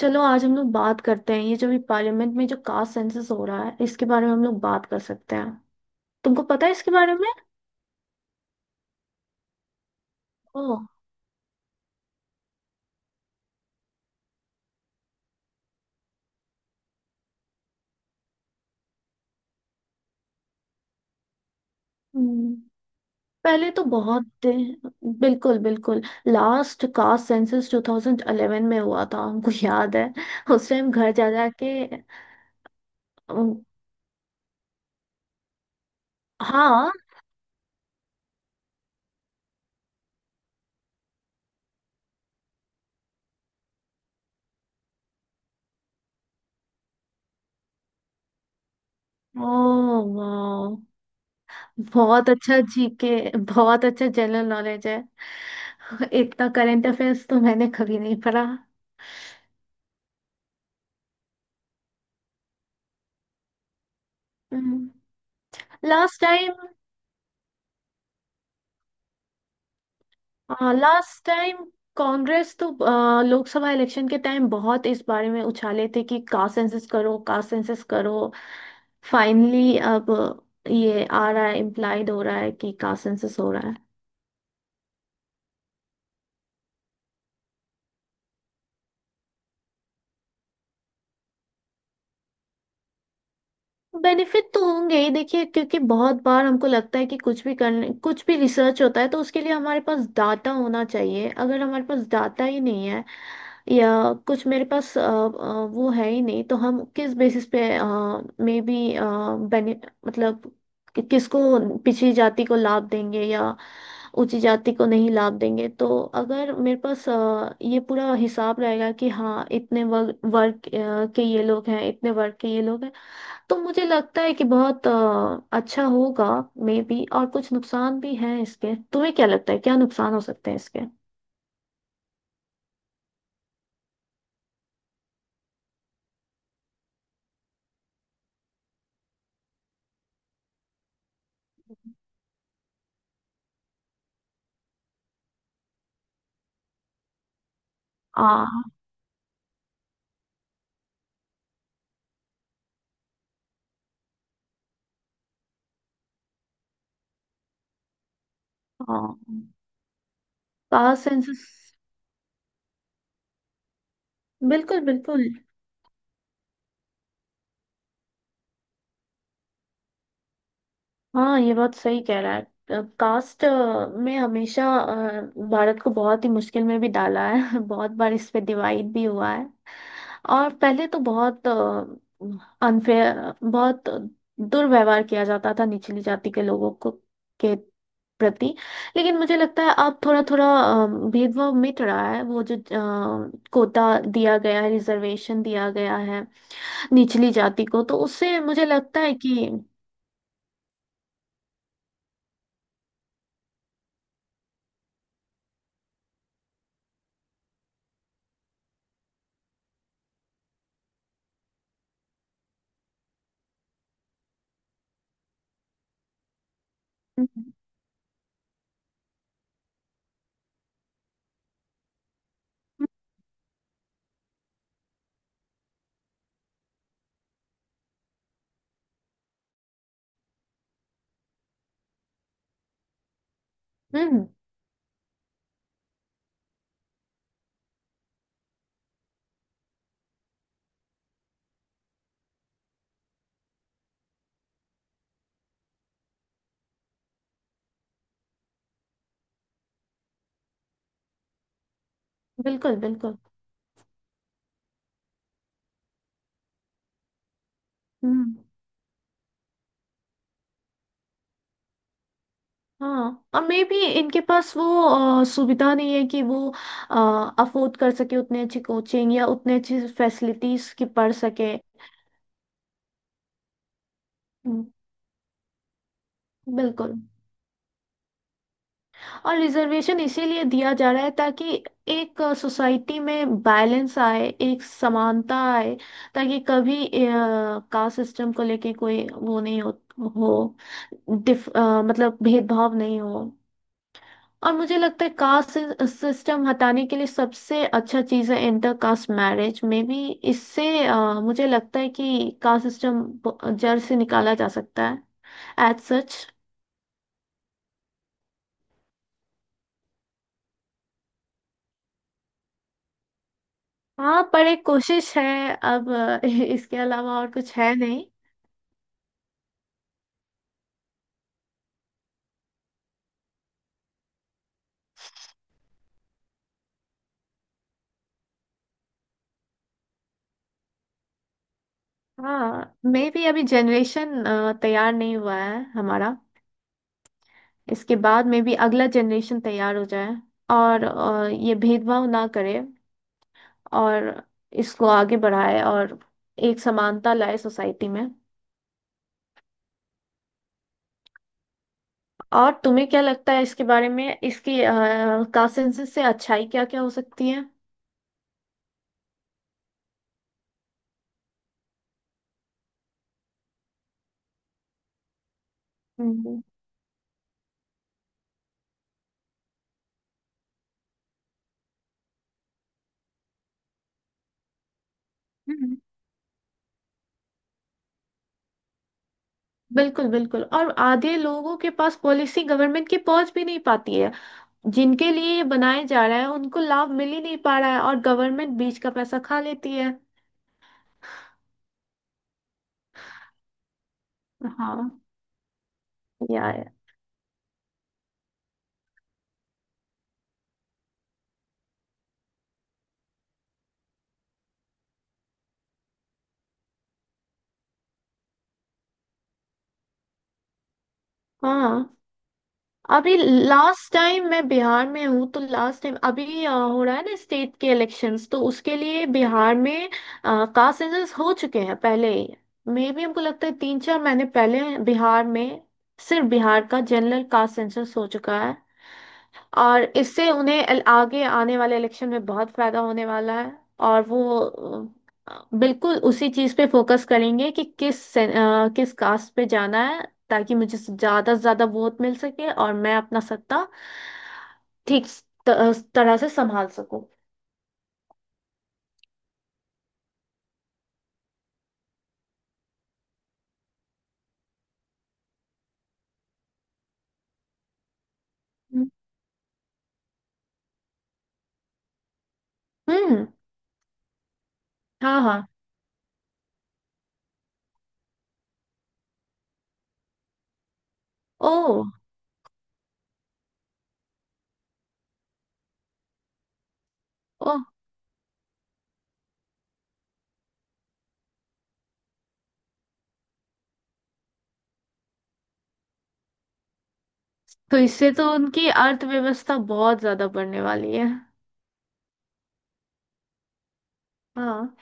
चलो आज हम लोग बात करते हैं। ये जो भी पार्लियामेंट में जो कास्ट सेंसस हो रहा है, इसके बारे में हम लोग बात कर सकते हैं। तुमको पता है इसके बारे में? ओ। हम्म, पहले तो बिल्कुल बिल्कुल, लास्ट कास्ट सेंसस 2011 में हुआ था, हमको याद है। उस टाइम घर जा जा के अम, हाँ। ओ, वाह, बहुत अच्छा जीके, बहुत अच्छा जनरल नॉलेज है। इतना करंट अफेयर्स तो मैंने कभी नहीं पढ़ा। Last time. Last time Congress तो लोकसभा इलेक्शन के टाइम बहुत इस बारे में उछाले थे कि कास्ट सेंसस करो, कास्ट सेंसस करो। फाइनली अब ये आ रहा है, इम्प्लाइड हो रहा है कि कास्ट सेंसस हो रहा है। बेनिफिट तो होंगे ही, देखिए क्योंकि बहुत बार हमको लगता है कि कुछ भी करने, कुछ भी रिसर्च होता है तो उसके लिए हमारे पास डाटा होना चाहिए। अगर हमारे पास डाटा ही नहीं है या कुछ मेरे पास वो है ही नहीं, तो हम किस बेसिस पे मे बी मतलब किसको पिछड़ी जाति को लाभ देंगे या ऊंची जाति को नहीं लाभ देंगे। तो अगर मेरे पास ये पूरा हिसाब रहेगा कि हाँ, इतने वर्ग वर्ग अ, के ये लोग हैं, इतने वर्ग के ये लोग हैं, तो मुझे लगता है कि बहुत अच्छा होगा। मे बी और कुछ नुकसान भी हैं इसके। तुम्हें क्या लगता है, क्या नुकसान हो सकते हैं इसके? आ, हाँ, कास्ट सेंसस बिल्कुल बिल्कुल। हाँ, ये बात सही कह रहा है। कास्ट में हमेशा भारत को बहुत ही मुश्किल में भी डाला है बहुत बार इस पे डिवाइड भी हुआ है। और पहले तो बहुत अनफेयर, बहुत दुर्व्यवहार किया जाता था निचली जाति के लोगों को, के प्रति। लेकिन मुझे लगता है अब थोड़ा थोड़ा भेदभाव मिट रहा है। वो जो कोटा दिया गया है, रिजर्वेशन दिया गया है निचली जाति को, तो उससे मुझे लगता है कि हम्म। हम्म, बिल्कुल बिल्कुल। हम्म, हाँ और मे भी इनके पास वो सुविधा नहीं है कि वो अफोर्ड कर सके उतने अच्छी कोचिंग या उतने अच्छी फैसिलिटीज की पढ़ सके। हम्म, बिल्कुल। और रिजर्वेशन इसीलिए दिया जा रहा है ताकि एक सोसाइटी में बैलेंस आए, एक समानता आए, ताकि कभी कास्ट सिस्टम को लेके कोई वो नहीं हो, हो मतलब भेदभाव नहीं हो। और मुझे लगता है कास्ट सिस्टम हटाने के लिए सबसे अच्छा चीज़ है इंटर कास्ट मैरिज। में भी इससे मुझे लगता है कि कास्ट सिस्टम जड़ से निकाला जा सकता है एज सच। हाँ पर एक कोशिश है अब इसके अलावा और कुछ है नहीं। हाँ मे भी अभी जनरेशन तैयार नहीं हुआ है हमारा। इसके बाद मे भी अगला जनरेशन तैयार हो जाए और ये भेदभाव ना करे और इसको आगे बढ़ाए और एक समानता लाए सोसाइटी में। और तुम्हें क्या लगता है इसके बारे में, इसकी कॉन्सेंसस से अच्छाई क्या क्या हो सकती है? हम्म। हम्म, बिल्कुल बिल्कुल। और आधे लोगों के पास पॉलिसी गवर्नमेंट की पहुंच भी नहीं पाती है। जिनके लिए ये बनाया जा रहा है उनको लाभ मिल ही नहीं पा रहा है और गवर्नमेंट बीच का पैसा खा लेती है। हाँ, यार। हाँ, अभी लास्ट टाइम मैं बिहार में हूँ, तो लास्ट टाइम अभी हो रहा है ना स्टेट के इलेक्शंस, तो उसके लिए बिहार में कास्ट सेंसस हो चुके हैं पहले ही। मे भी हमको लगता है तीन चार महीने पहले बिहार में सिर्फ बिहार का जनरल कास्ट सेंसस हो चुका है। और इससे उन्हें आगे आने वाले इलेक्शन में बहुत फायदा होने वाला है। और वो बिल्कुल उसी चीज पे फोकस करेंगे कि किस कास्ट पे जाना है, ताकि मुझे से ज्यादा वोट मिल सके और मैं अपना सत्ता ठीक तरह से संभाल सकूं। हम्म। हाँ, हाँ। ओ। ओ, तो इससे तो उनकी अर्थव्यवस्था बहुत ज्यादा बढ़ने वाली है। हाँ।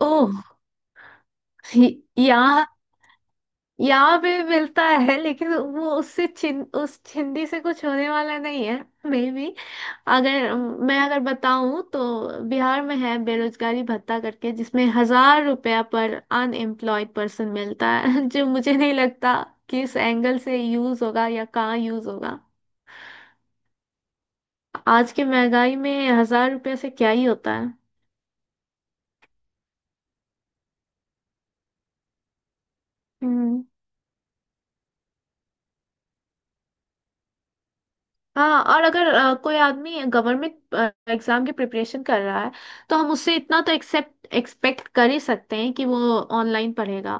ओह। यहाँ, यहाँ पे मिलता है लेकिन वो उससे चिन उस चिंदी से कुछ होने वाला नहीं है। मे बी अगर मैं अगर बताऊं तो बिहार में है बेरोजगारी भत्ता करके, जिसमें हजार रुपया पर अनएम्प्लॉयड पर्सन मिलता है जो मुझे नहीं लगता किस एंगल से यूज होगा या कहाँ यूज होगा। आज की महंगाई में हजार रुपया से क्या ही होता है? हम्म। हाँ, और अगर कोई आदमी गवर्नमेंट एग्जाम की प्रिपरेशन कर रहा है, तो हम उससे इतना तो एक्सेप्ट एक्सपेक्ट कर ही सकते हैं कि वो ऑनलाइन पढ़ेगा।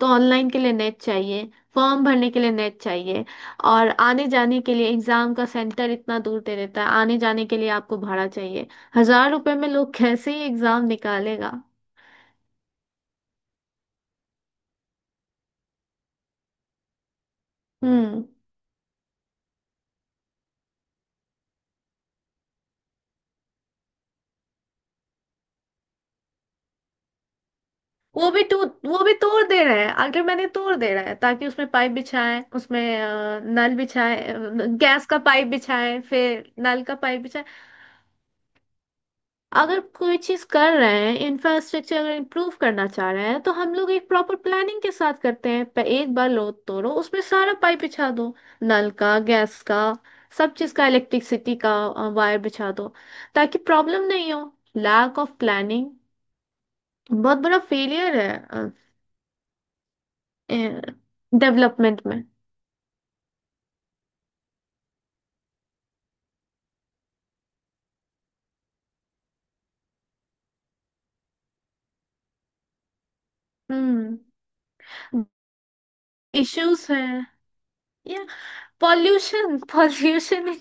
तो ऑनलाइन के लिए नेट चाहिए, फॉर्म भरने के लिए नेट चाहिए, और आने जाने के लिए एग्जाम का सेंटर इतना दूर दे देता है, आने जाने के लिए आपको भाड़ा चाहिए। हजार रुपए में लोग कैसे ही एग्जाम निकालेगा? हम्म। वो भी टू वो भी तोड़ दे रहे हैं, अगर मैंने तोड़ दे रहा है ताकि उसमें पाइप बिछाएं, उसमें नल बिछाएं, गैस का पाइप बिछाएं, फिर नल का पाइप बिछाएं। अगर कोई चीज कर रहे हैं, इंफ्रास्ट्रक्चर अगर इम्प्रूव करना चाह रहे हैं, तो हम लोग एक प्रॉपर प्लानिंग के साथ करते हैं। एक बार लो, तोड़ो, उसमें सारा पाइप बिछा दो, नल का, गैस का, सब चीज का, इलेक्ट्रिसिटी का वायर बिछा दो ताकि प्रॉब्लम नहीं हो। लैक ऑफ प्लानिंग बहुत बड़ा फेलियर है डेवलपमेंट में। हम्म। इश्यूज है, या पॉल्यूशन, पॉल्यूशन,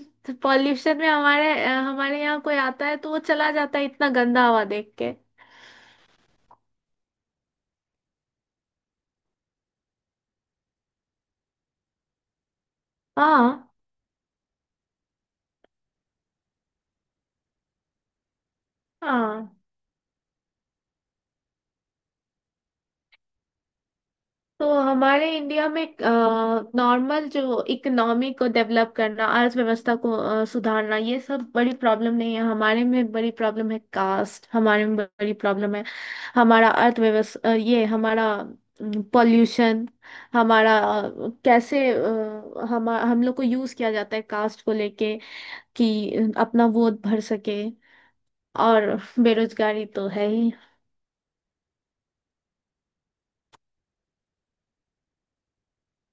पॉल्यूशन में हमारे हमारे यहाँ कोई आता है तो वो चला जाता है इतना गंदा हवा देख के। हाँ, हाँ। तो हमारे इंडिया में नॉर्मल जो इकोनॉमी को डेवलप करना, अर्थव्यवस्था को सुधारना, ये सब बड़ी प्रॉब्लम नहीं है। हमारे में बड़ी प्रॉब्लम है कास्ट, हमारे में बड़ी प्रॉब्लम है हमारा अर्थव्यवस्था, ये हमारा पॉल्यूशन, हमारा कैसे हम लोग को यूज किया जाता है कास्ट को लेके कि अपना वोट भर सके, और बेरोजगारी तो है ही।